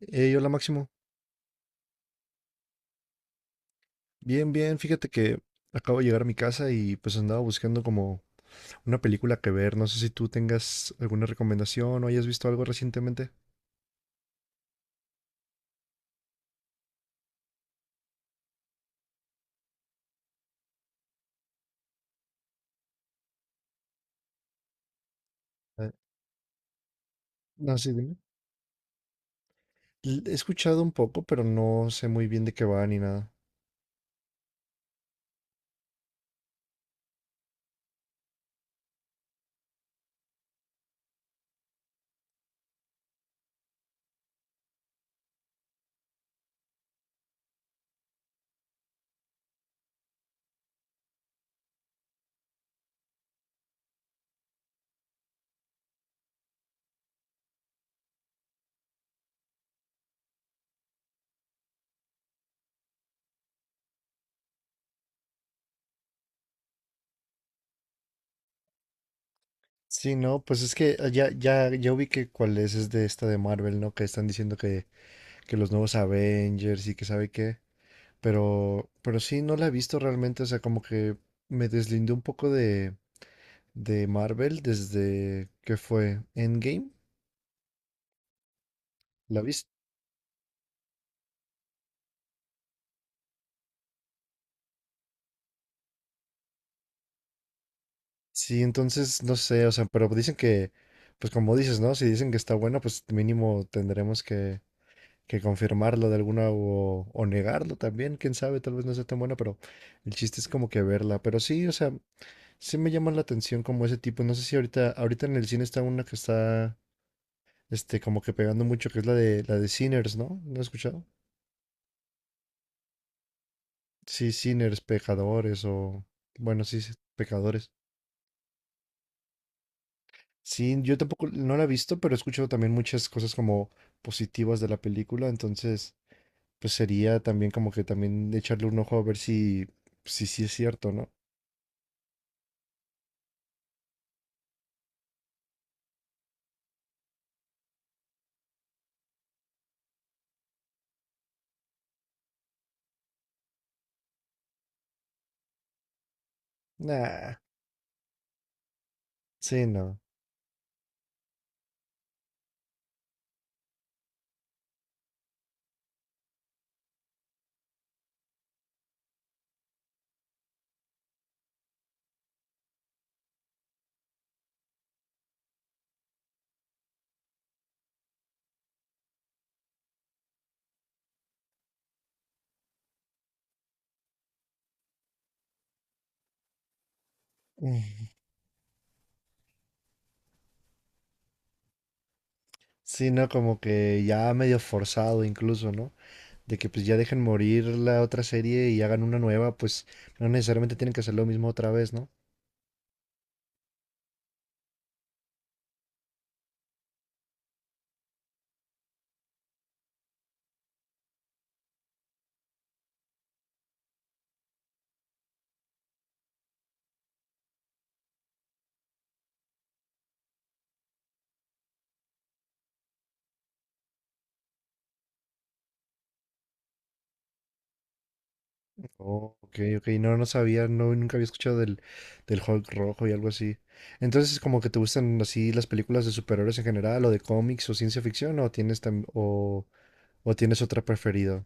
Hey, hola Máximo. Bien, bien. Fíjate que acabo de llegar a mi casa y pues andaba buscando como una película que ver. No sé si tú tengas alguna recomendación o hayas visto algo recientemente. Eh, No, sí, dime. He escuchado un poco, pero no sé muy bien de qué va ni nada. Sí, no, pues es que ya ubiqué cuál es de esta de Marvel, ¿no? Que están diciendo que los nuevos Avengers y que sabe qué. Pero sí, no la he visto realmente. O sea, como que me deslindé un poco de Marvel desde que fue Endgame. ¿La viste? Sí, entonces no sé, o sea, pero dicen que, pues como dices, ¿no? Si dicen que está bueno, pues mínimo tendremos que confirmarlo de alguna o negarlo también, quién sabe, tal vez no sea tan bueno, pero el chiste es como que verla. Pero sí, o sea, sí me llaman la atención como ese tipo. No sé si ahorita, ahorita en el cine está una que está, este, como que pegando mucho, que es la de Sinners, ¿no? ¿No has escuchado? Sí, Sinners, pecadores o, bueno, sí, sí, pecadores. Sí, yo tampoco no la he visto, pero he escuchado también muchas cosas como positivas de la película, entonces pues sería también como que también echarle un ojo a ver si si sí es cierto, ¿no? Nah, sí, no. Mm. Sí, no, como que ya medio forzado incluso, ¿no? De que pues ya dejen morir la otra serie y hagan una nueva, pues no necesariamente tienen que hacer lo mismo otra vez, ¿no? Oh, ok, ok, no, no sabía, no, nunca había escuchado del, del Hulk rojo y algo así. Entonces, como que te gustan así las películas de superhéroes en general, o de cómics, o ciencia ficción, o tienes o tienes otra preferida.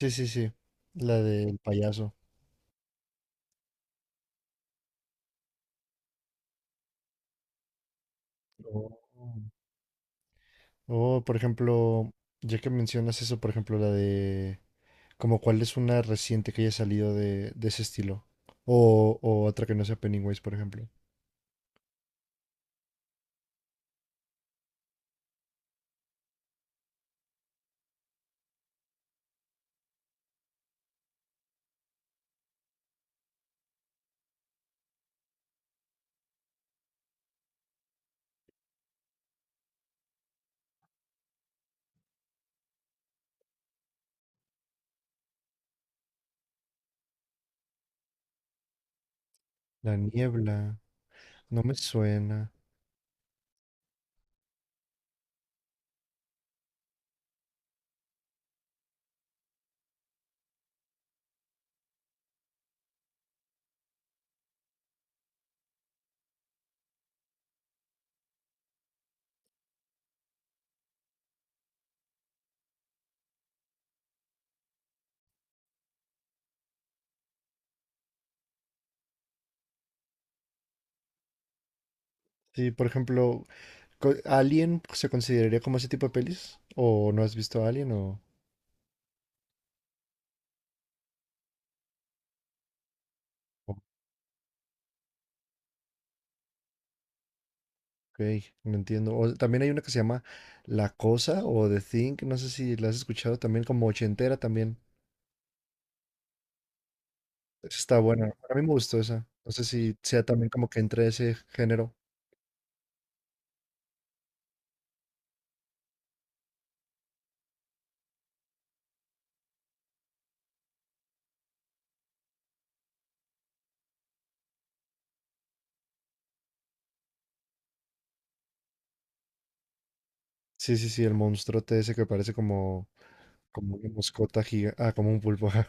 Sí, sí, sí, la del payaso. Oh. O, por ejemplo, ya que mencionas eso, por ejemplo, la de, como cuál es una reciente que haya salido de ese estilo, o otra que no sea Pennywise, por ejemplo. La niebla, no me suena. Sí, por ejemplo, ¿Alien se consideraría como ese tipo de pelis? ¿O no has visto Alien? O... Ok, no entiendo. O también hay una que se llama La Cosa o The Thing. No sé si la has escuchado también, como ochentera también. Esa está buena. A mí me gustó esa. No sé si sea también como que entre ese género. Sí, sí, sí, el monstruote ese que parece como, como una mascota gigante. Ah, como un pulpo. Ajá.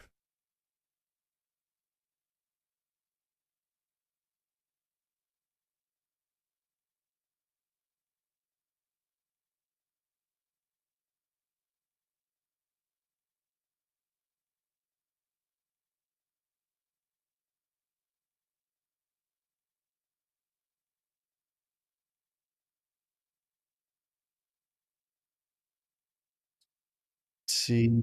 Sí,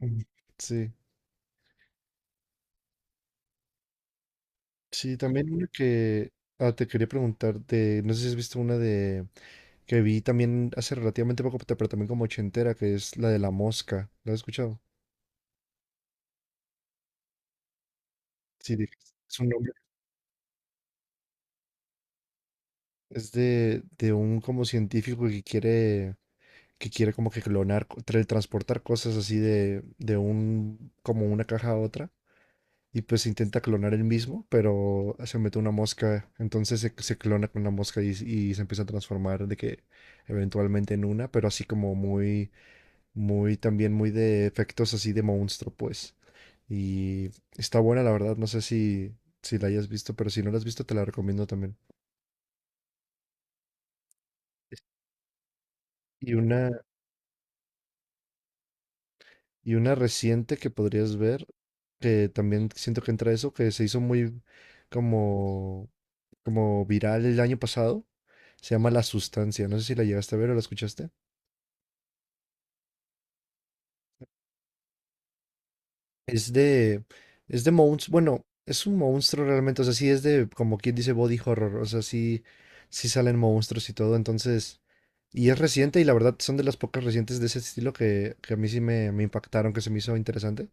mm, sí. Sí, también una que ah, te quería preguntar de, no sé si has visto una de que vi también hace relativamente poco, pero también como ochentera, que es la de la mosca. ¿Lo has escuchado? Sí, es un nombre. Es de un como científico que quiere como que clonar, transportar cosas así de un, como una caja a otra. Y pues intenta clonar él mismo, pero se mete una mosca, entonces se clona con la mosca y se empieza a transformar de que eventualmente en una, pero así como muy, muy, también muy de efectos así de monstruo, pues. Y está buena, la verdad. No sé si, si la hayas visto, pero si no la has visto, te la recomiendo también. Y una, y una reciente que podrías ver, que también siento que entra eso, que se hizo muy como, como viral el año pasado. Se llama La Sustancia. No sé si la llegaste a ver o la escuchaste. Es de, es de monstruos, bueno, es un monstruo realmente, o sea, sí es de, como quien dice, body horror, o sea, sí, sí salen monstruos y todo, entonces y es reciente y la verdad son de las pocas recientes de ese estilo que a mí sí me impactaron, que se me hizo interesante.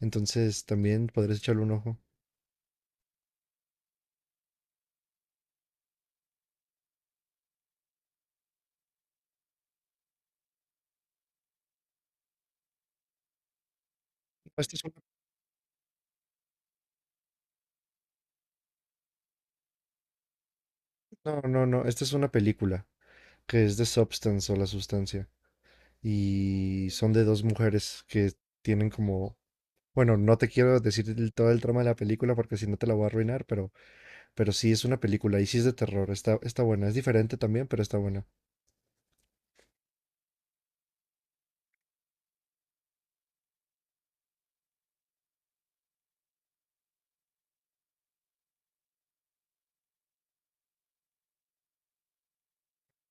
Entonces también podrías echarle un ojo. Esta es una- no, no, no, esta es una película que es de Substance o La Sustancia. Y son de dos mujeres que tienen como... Bueno, no te quiero decir todo el trama de la película porque si no te la voy a arruinar, pero sí, es una película y sí es de terror. Está, está buena. Es diferente también, pero está buena.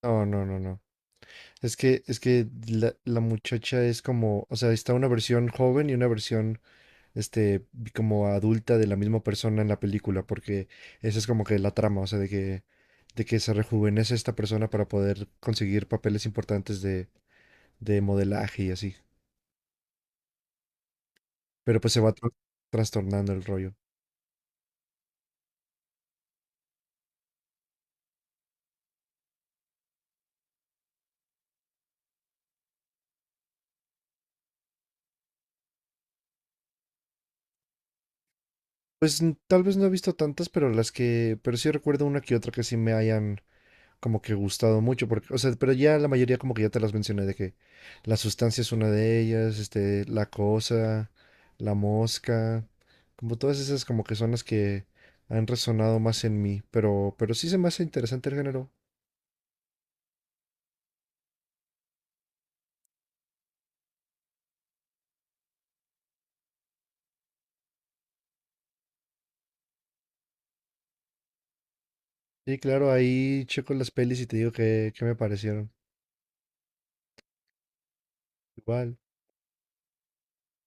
No, no, no, no. Es que la muchacha es como, o sea, está una versión joven y una versión, este, como adulta de la misma persona en la película, porque esa es como que la trama, o sea, de que se rejuvenece esta persona para poder conseguir papeles importantes de modelaje y así. Pero pues se va trastornando el rollo. Pues tal vez no he visto tantas, pero las que, pero sí recuerdo una que otra que sí me hayan como que gustado mucho, porque, o sea, pero ya la mayoría como que ya te las mencioné de que la sustancia es una de ellas, este, la cosa, la mosca, como todas esas como que son las que han resonado más en mí, pero sí se me hace interesante el género. Y claro, ahí checo las pelis y te digo que me parecieron. Igual.